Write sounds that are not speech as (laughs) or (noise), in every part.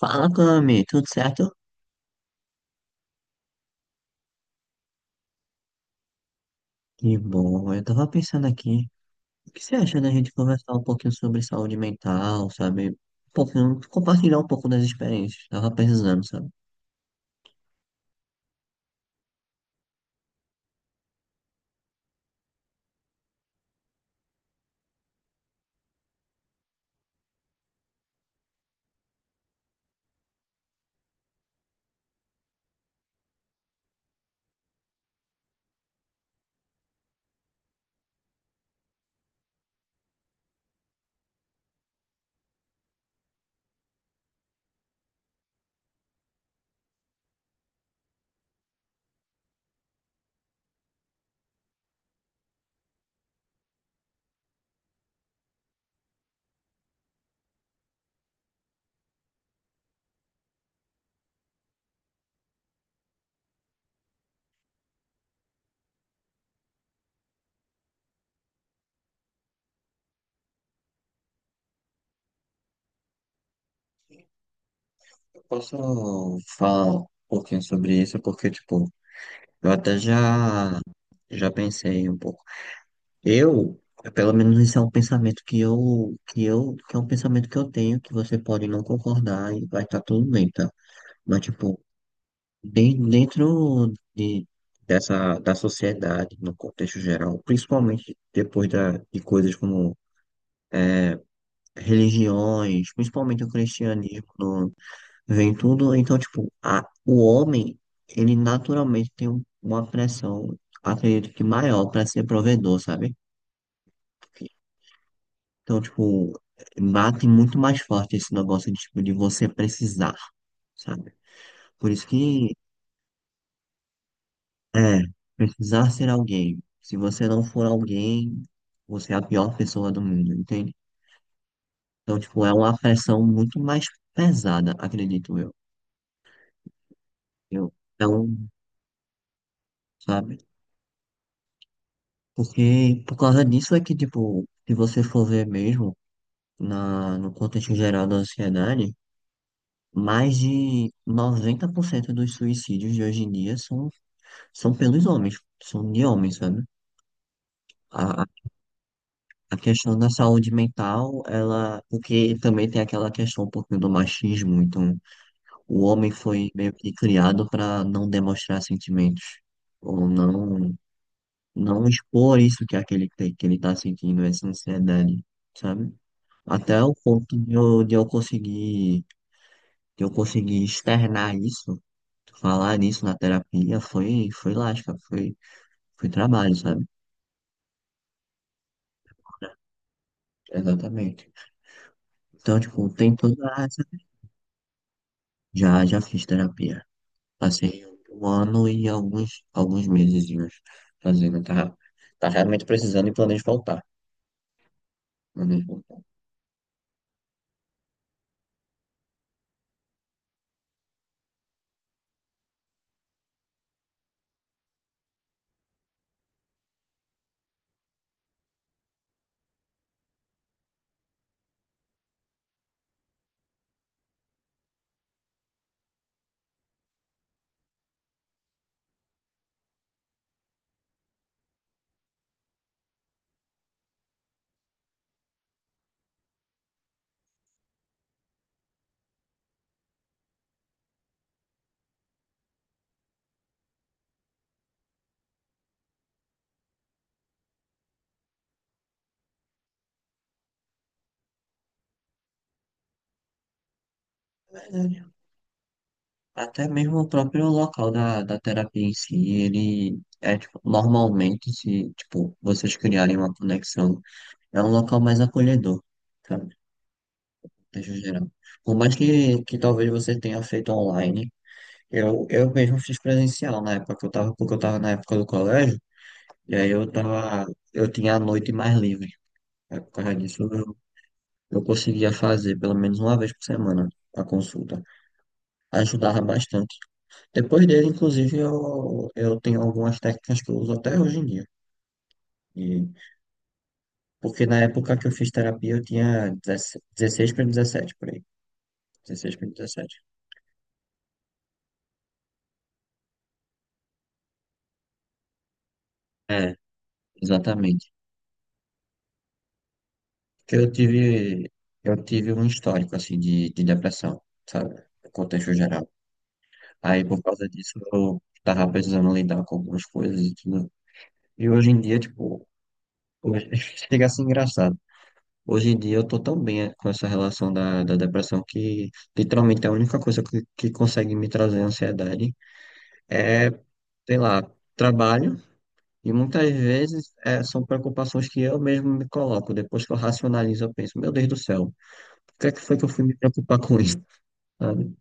Fala, Cami, tudo certo? Que bom, eu tava pensando aqui, o que você acha da gente conversar um pouquinho sobre saúde mental, sabe? Um pouquinho, compartilhar um pouco das experiências, tava precisando, sabe? Eu posso falar um pouquinho sobre isso, porque, tipo, eu até já pensei um pouco. É pelo menos esse é um pensamento que é um pensamento que eu tenho, que você pode não concordar e vai estar tudo bem, tá? Mas, tipo, dentro da sociedade, no contexto geral, principalmente depois de coisas como religiões, principalmente o cristianismo, vem tudo. Então, tipo, o homem, ele naturalmente tem uma pressão, acredito que maior para ser provedor, sabe? Então, tipo, bate muito mais forte esse negócio tipo, de você precisar, sabe? Por isso que É, precisar ser alguém. Se você não for alguém, você é a pior pessoa do mundo, entende? Então, tipo, é uma pressão muito mais pesada, acredito eu. Então, sabe? Porque por causa disso é que, tipo, se você for ver mesmo no contexto geral da sociedade, mais de 90% dos suicídios de hoje em dia são pelos homens, são de homens, sabe? A, A questão da saúde mental, ela, porque também tem aquela questão um pouquinho do machismo, então o homem foi meio que criado para não demonstrar sentimentos, ou não, não expor isso que é aquele que ele tá sentindo, essa ansiedade, sabe? Até o ponto de eu conseguir externar isso, falar nisso na terapia, foi, foi lasca, foi trabalho, sabe? Exatamente. Então, tipo, tem toda essa Já fiz terapia. Passei um ano e alguns meses fazendo. Tá, tá realmente precisando e planejo voltar. Planejo voltar. É verdade. Até mesmo o próprio local da terapia em si, ele é, tipo, normalmente, se, tipo, vocês criarem uma conexão, é um local mais acolhedor, sabe? No contexto geral. Por mais que talvez você tenha feito online, eu mesmo fiz presencial na época que eu tava, porque eu tava na época do colégio. E aí eu tinha a noite mais livre. Aí por causa disso, eu conseguia fazer pelo menos uma vez por semana a consulta. Ajudava bastante. Depois dele, inclusive, eu tenho algumas técnicas que eu uso até hoje em dia. E porque na época que eu fiz terapia, eu tinha 16 para 17, por aí. 16 para 17. É, exatamente. Porque eu tive um histórico, assim, de depressão, sabe? No contexto geral. Aí, por causa disso, eu tava precisando lidar com algumas coisas e tudo. E hoje em dia, tipo, hoje- (laughs) chega a ser engraçado. Hoje em dia eu tô tão bem com essa relação da depressão que literalmente a única coisa que consegue me trazer ansiedade é, sei lá, trabalho. E muitas vezes são preocupações que eu mesmo me coloco. Depois que eu racionalizo, eu penso, meu Deus do céu, por que é que foi que eu fui me preocupar com isso? Sabe?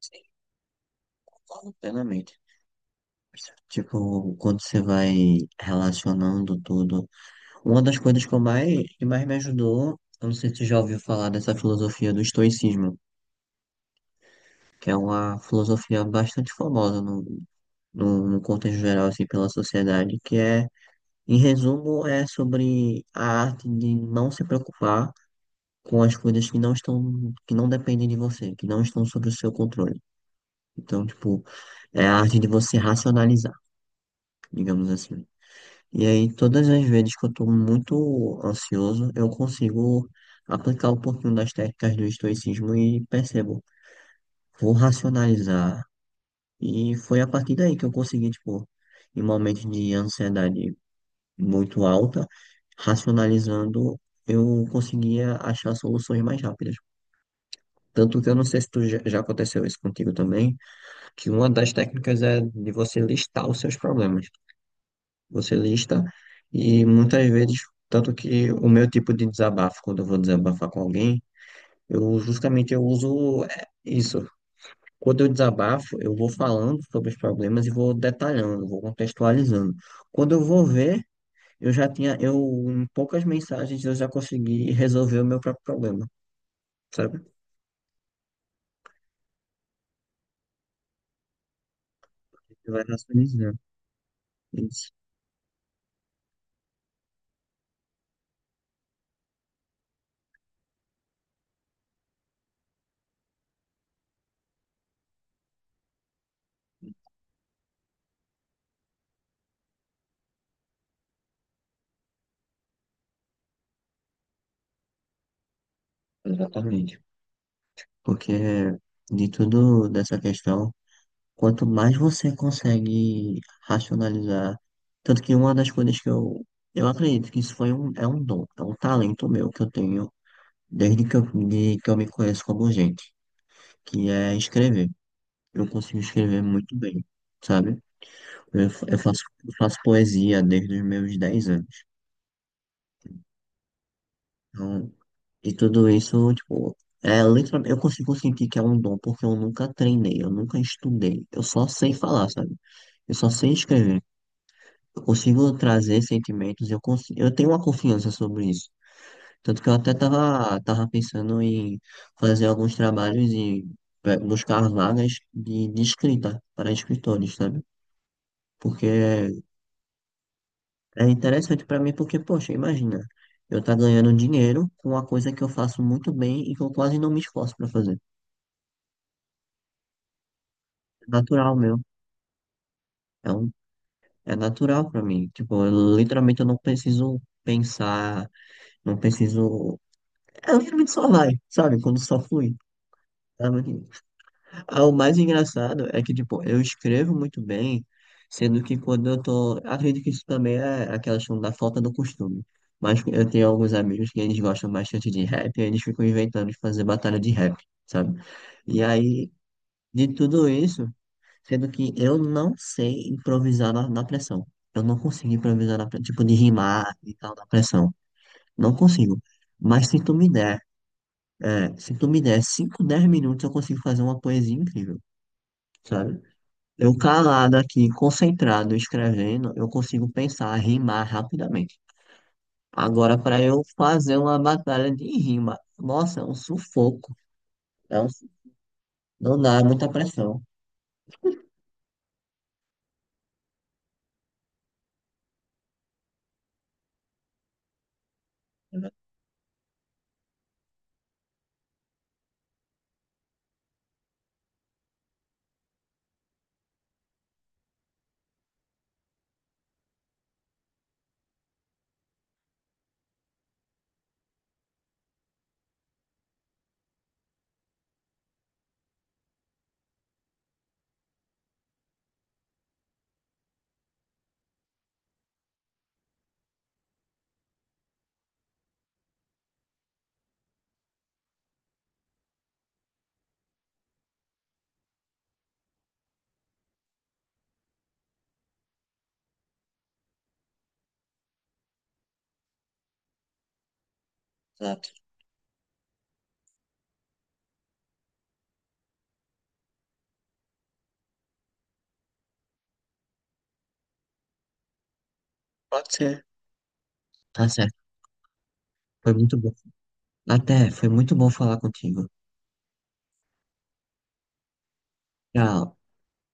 Sim, concordo plenamente. Tipo, quando você vai relacionando tudo. Uma das coisas que eu mais, que mais me ajudou, eu não sei se você já ouviu falar dessa filosofia do estoicismo, que é uma filosofia bastante famosa no contexto geral, assim, pela sociedade, que é, em resumo, é sobre a arte de não se preocupar com as coisas que não estão, que não dependem de você, que não estão sob o seu controle. Então, tipo, é a arte de você racionalizar, digamos assim. E aí, todas as vezes que eu estou muito ansioso, eu consigo aplicar um pouquinho das técnicas do estoicismo e percebo, vou racionalizar. E foi a partir daí que eu consegui, tipo, em momentos de ansiedade muito alta, racionalizando, eu conseguia achar soluções mais rápidas. Tanto que eu não sei se tu já aconteceu isso contigo também, que uma das técnicas é de você listar os seus problemas. Você lista, e muitas vezes, tanto que o meu tipo de desabafo, quando eu vou desabafar com alguém, eu justamente eu uso é, isso. Quando eu desabafo, eu vou falando sobre os problemas e vou detalhando, vou contextualizando. Quando eu vou ver, eu já tinha, eu, em poucas mensagens, eu já consegui resolver o meu próprio problema, sabe? Você vai racionalizando. Isso, exatamente. Porque de tudo dessa questão. Quanto mais você consegue racionalizar, tanto que uma das coisas que eu acredito que isso foi um, é um dom, é um talento meu que eu tenho desde que eu me conheço como gente, que é escrever. Eu consigo escrever muito bem, sabe? Eu faço poesia desde os meus 10 anos. Então, e tudo isso, tipo, eu consigo sentir que é um dom porque eu nunca treinei, eu nunca estudei, eu só sei falar, sabe? Eu só sei escrever. Eu consigo trazer sentimentos, eu tenho uma confiança sobre isso. Tanto que eu até tava pensando em fazer alguns trabalhos e buscar vagas de escrita para escritores, sabe? Porque é interessante para mim, porque, poxa, imagina, eu tá ganhando dinheiro com uma coisa que eu faço muito bem e que eu quase não me esforço para fazer. É natural meu, é, um, é natural para mim. Tipo, literalmente eu não preciso pensar, não preciso. É, literalmente só vai, sabe? Quando só flui. Tá muito Ah, o mais engraçado é que, tipo, eu escrevo muito bem, sendo que quando eu tô. Acredito que isso também é aquela questão da falta do costume. Mas eu tenho alguns amigos que eles gostam bastante de rap, e eles ficam inventando de fazer batalha de rap, sabe? E aí, de tudo isso, sendo que eu não sei improvisar na pressão. Eu não consigo improvisar na pressão, tipo, de rimar e tal, na pressão. Não consigo. Mas se tu me der, é, se tu me der 5, 10 minutos, eu consigo fazer uma poesia incrível. Sabe? Eu calado aqui, concentrado, escrevendo, eu consigo pensar, rimar rapidamente. Agora, para eu fazer uma batalha de rima, nossa, é um sufoco. É um, su- não dá, é muita pressão. Exato, pode ser. Tá certo, foi muito bom. Até, foi muito bom falar contigo. Tchau.